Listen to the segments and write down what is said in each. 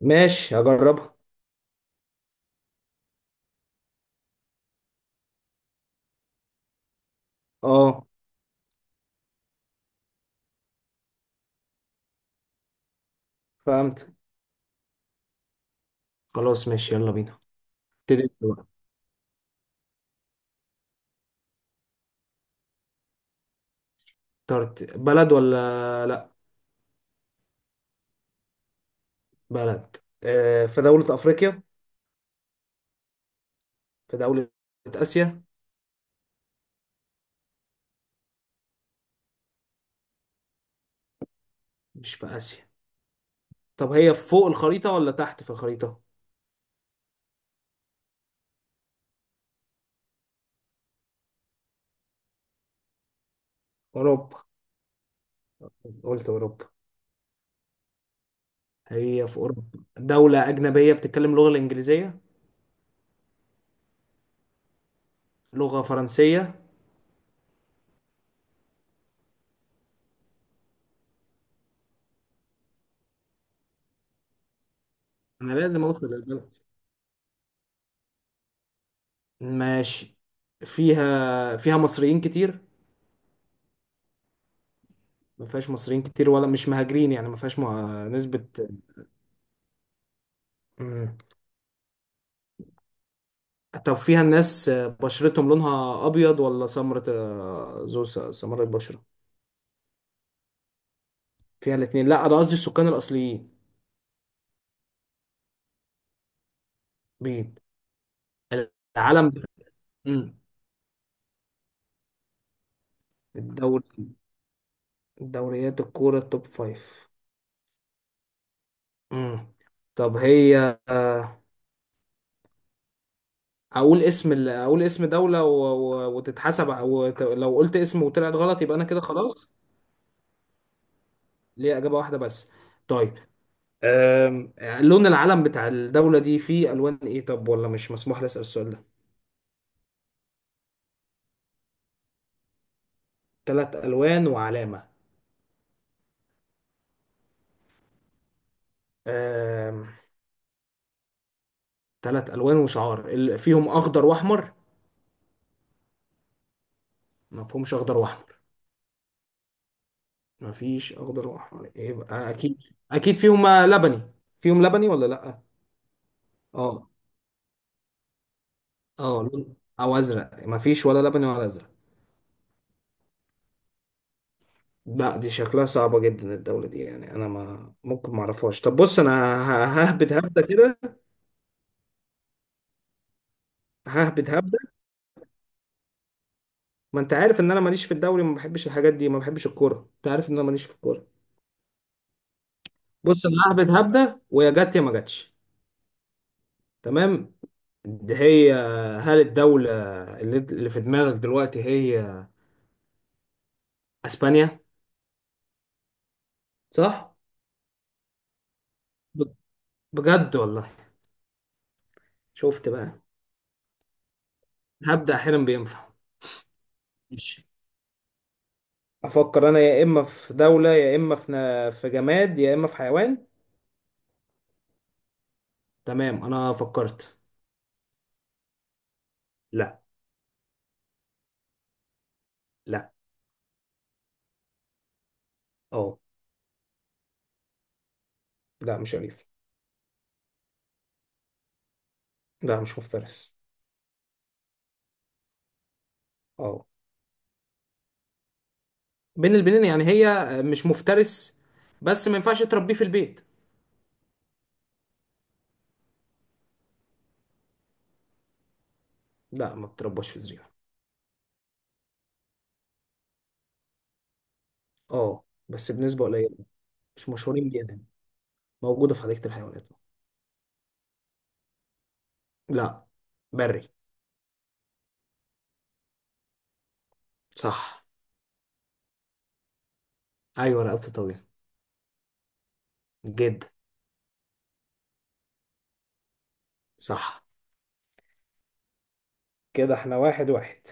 ماشي هجربها. اه، فهمت. خلاص ماشي يلا بينا. ابتدي انت بقى. اخترت بلد ولا لا؟ بلد. آه، في دولة أفريقيا؟ في دولة آسيا؟ مش في آسيا. طب هي فوق الخريطة ولا تحت في الخريطة؟ أوروبا. قلت أوروبا. هي في أوروبا. دولة أجنبية بتتكلم لغة الإنجليزية؟ لغة فرنسية؟ أنا لازم أوصل للبلد. ماشي. فيها مصريين كتير؟ ما فيهاش مصريين كتير ولا مش مهاجرين يعني؟ ما فيهاش مه... نسبة. مم. طب فيها الناس بشرتهم لونها ابيض ولا سمرة؟ آه، ذو سمرة بشرة. فيها الاثنين؟ لا انا قصدي السكان الاصليين. بيض العالم ده. امم الدوري، دوريات الكورة التوب فايف. امم. طب هي اقول اقول اسم دولة وتتحسب او لو قلت اسم وطلعت غلط يبقى انا كده خلاص؟ ليه اجابة واحدة بس؟ طيب. أم... لون العلم بتاع الدولة دي فيه الوان ايه؟ طب ولا مش مسموح لي اسال السؤال ده؟ ثلاث الوان وعلامة. ثلاث الوان وشعار فيهم اخضر واحمر؟ ما فيهمش اخضر واحمر؟ ما فيش اخضر واحمر يبقى اكيد. اكيد فيهم لبني. فيهم لبني ولا لا؟ اه. اه او ازرق ما فيش ولا لبني ولا ازرق؟ لا، دي شكلها صعبة جدا الدولة دي، يعني انا ما ممكن ما اعرفهاش. طب بص انا ههبد هبدة كده. ههبد هبدة. ما انت عارف ان انا ماليش في الدوري، ما بحبش الحاجات دي، ما بحبش الكورة، انت عارف ان انا ماليش في الكورة. بص انا ههبد هبدة ويا جت يا ما جاتش. تمام، دي هي. هل الدولة اللي في دماغك دلوقتي هي اسبانيا؟ صح؟ ب- بجد والله؟ شفت بقى، هبدأ احيانا بينفع. ماشي. افكر انا يا اما في دولة يا اما في في جماد يا اما في حيوان. تمام انا فكرت. لا. لا. اه. لا مش اليف. لا مش مفترس. اه، بين البنين. يعني هي مش مفترس بس ما ينفعش تربيه في البيت. لا ما بتربوش في زريبة. اه بس بنسبة قليلة. مش مشهورين بيها. موجودة في حديقة الحيوانات. لا، بري. صح. أيوة رقبته طويلة. جدا. صح. كده احنا واحد واحد.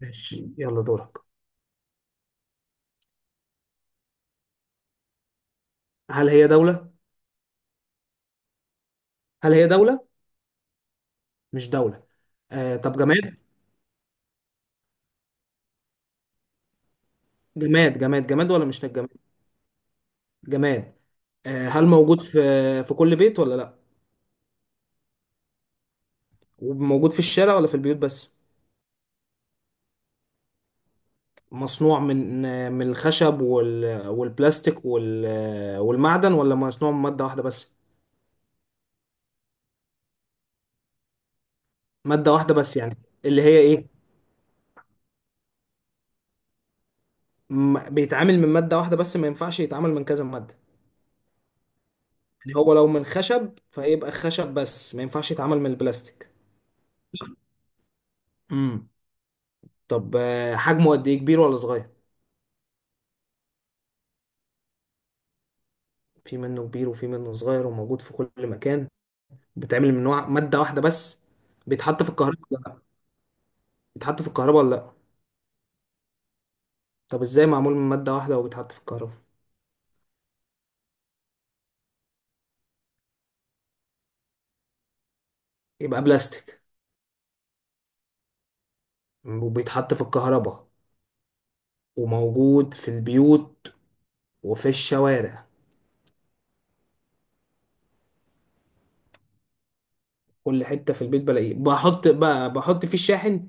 ماشي يلا دورك. هل هي دولة؟ هل هي دولة؟ مش دولة. آه طب جماد؟ جماد جماد ولا مش جماد؟ جماد. آه هل موجود في في كل بيت ولا لأ؟ وموجود في الشارع ولا في البيوت بس؟ مصنوع من آه، من الخشب والبلاستيك آه، والمعدن، ولا مصنوع من مادة واحدة بس؟ مادة واحدة بس يعني؟ اللي هي إيه؟ بيتعامل من مادة واحدة بس ما ينفعش يتعامل من كذا مادة؟ يعني هو لو من خشب فيبقى خشب بس ما ينفعش يتعامل من البلاستيك. امم. طب آه، حجمه قد ايه، كبير ولا صغير؟ في منه كبير وفي منه صغير وموجود في كل مكان. بيتعمل من نوع مادة واحدة بس. بيتحط في الكهرباء ولا لا؟ بيتحط في الكهرباء ولا لا؟ طب ازاي معمول من مادة واحدة وبيتحط في الكهرباء؟ يبقى بلاستيك، وبيتحط في الكهرباء، وموجود في البيوت وفي الشوارع. كل حتة في البيت بلاقيه. بحط بقى، بحط فيه الشاحن؟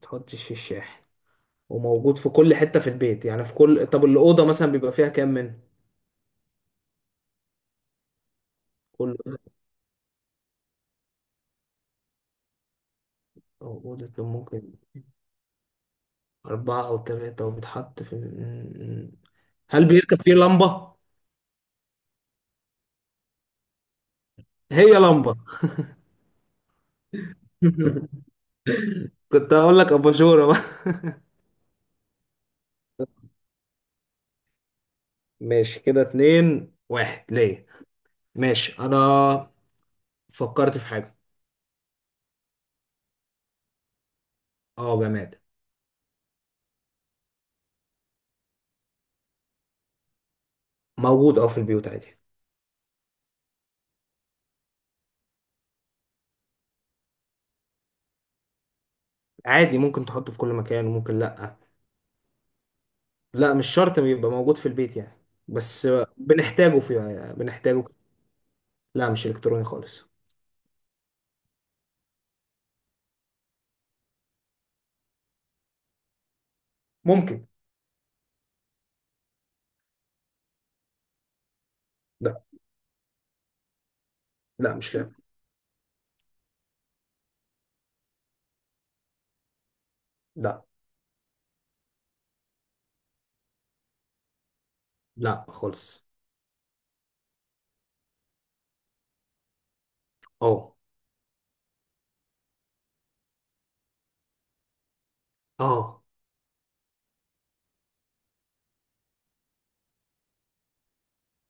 تحطش في الشاحن. وموجود في كل حتة في البيت يعني في كل، طب الأوضة مثلا بيبقى فيها كام من كل أوضة كان ممكن؟ أربعة أو ثلاثة. وبيتحط في هل بيركب فيه لمبة؟ هي لمبة. كنت هقول لك أباجورة بقى. ماشي كده اتنين واحد ليه. ماشي. أنا فكرت في حاجة. اه جماد. موجود اه في البيوت عادي. عادي، ممكن تحطه في كل مكان وممكن لأ. لا مش شرط يبقى موجود في البيت يعني. بس. بنحتاجه في بنحتاجه. لا مش الكتروني خالص. ممكن. لا لا مش لعب. لا لا خالص. اه. اه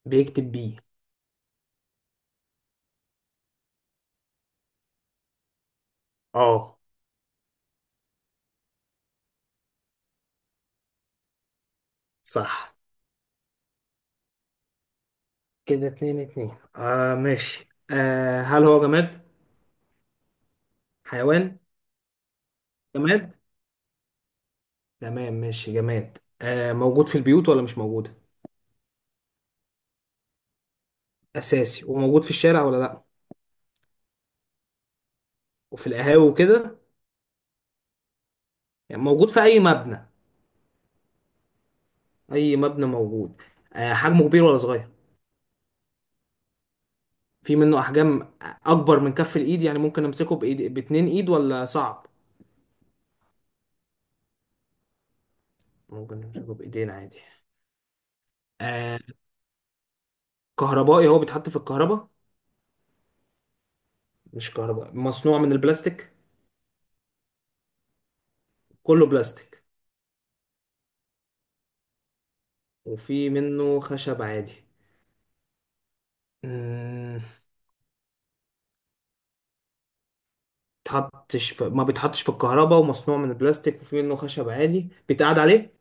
بيكتب بيه. اه. صح. كده اتنين اتنين. اه ماشي. آه هل هو جماد، حيوان؟ جماد. تمام ماشي جماد. آه، موجود في البيوت ولا مش موجود؟ اساسي. وموجود في الشارع ولا لا؟ وفي القهاوي وكده؟ يعني موجود في اي مبنى؟ اي مبنى موجود. آه حجمه كبير ولا صغير؟ في منه احجام. اكبر من كف الايد يعني ممكن امسكه بايد باتنين ايد ولا صعب؟ ممكن نمسكه بايدينا عادي. آه كهربائي، هو بيتحط في الكهرباء؟ مش كهرباء، مصنوع من البلاستيك؟ كله بلاستيك وفي منه خشب عادي. مم. ما بيتحطش في الكهرباء ومصنوع من البلاستيك وفي منه خشب عادي، بيتقعد عليه.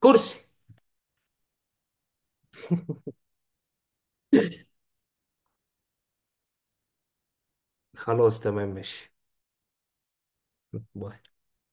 كرسي. خلاص تمام ماشي. باي.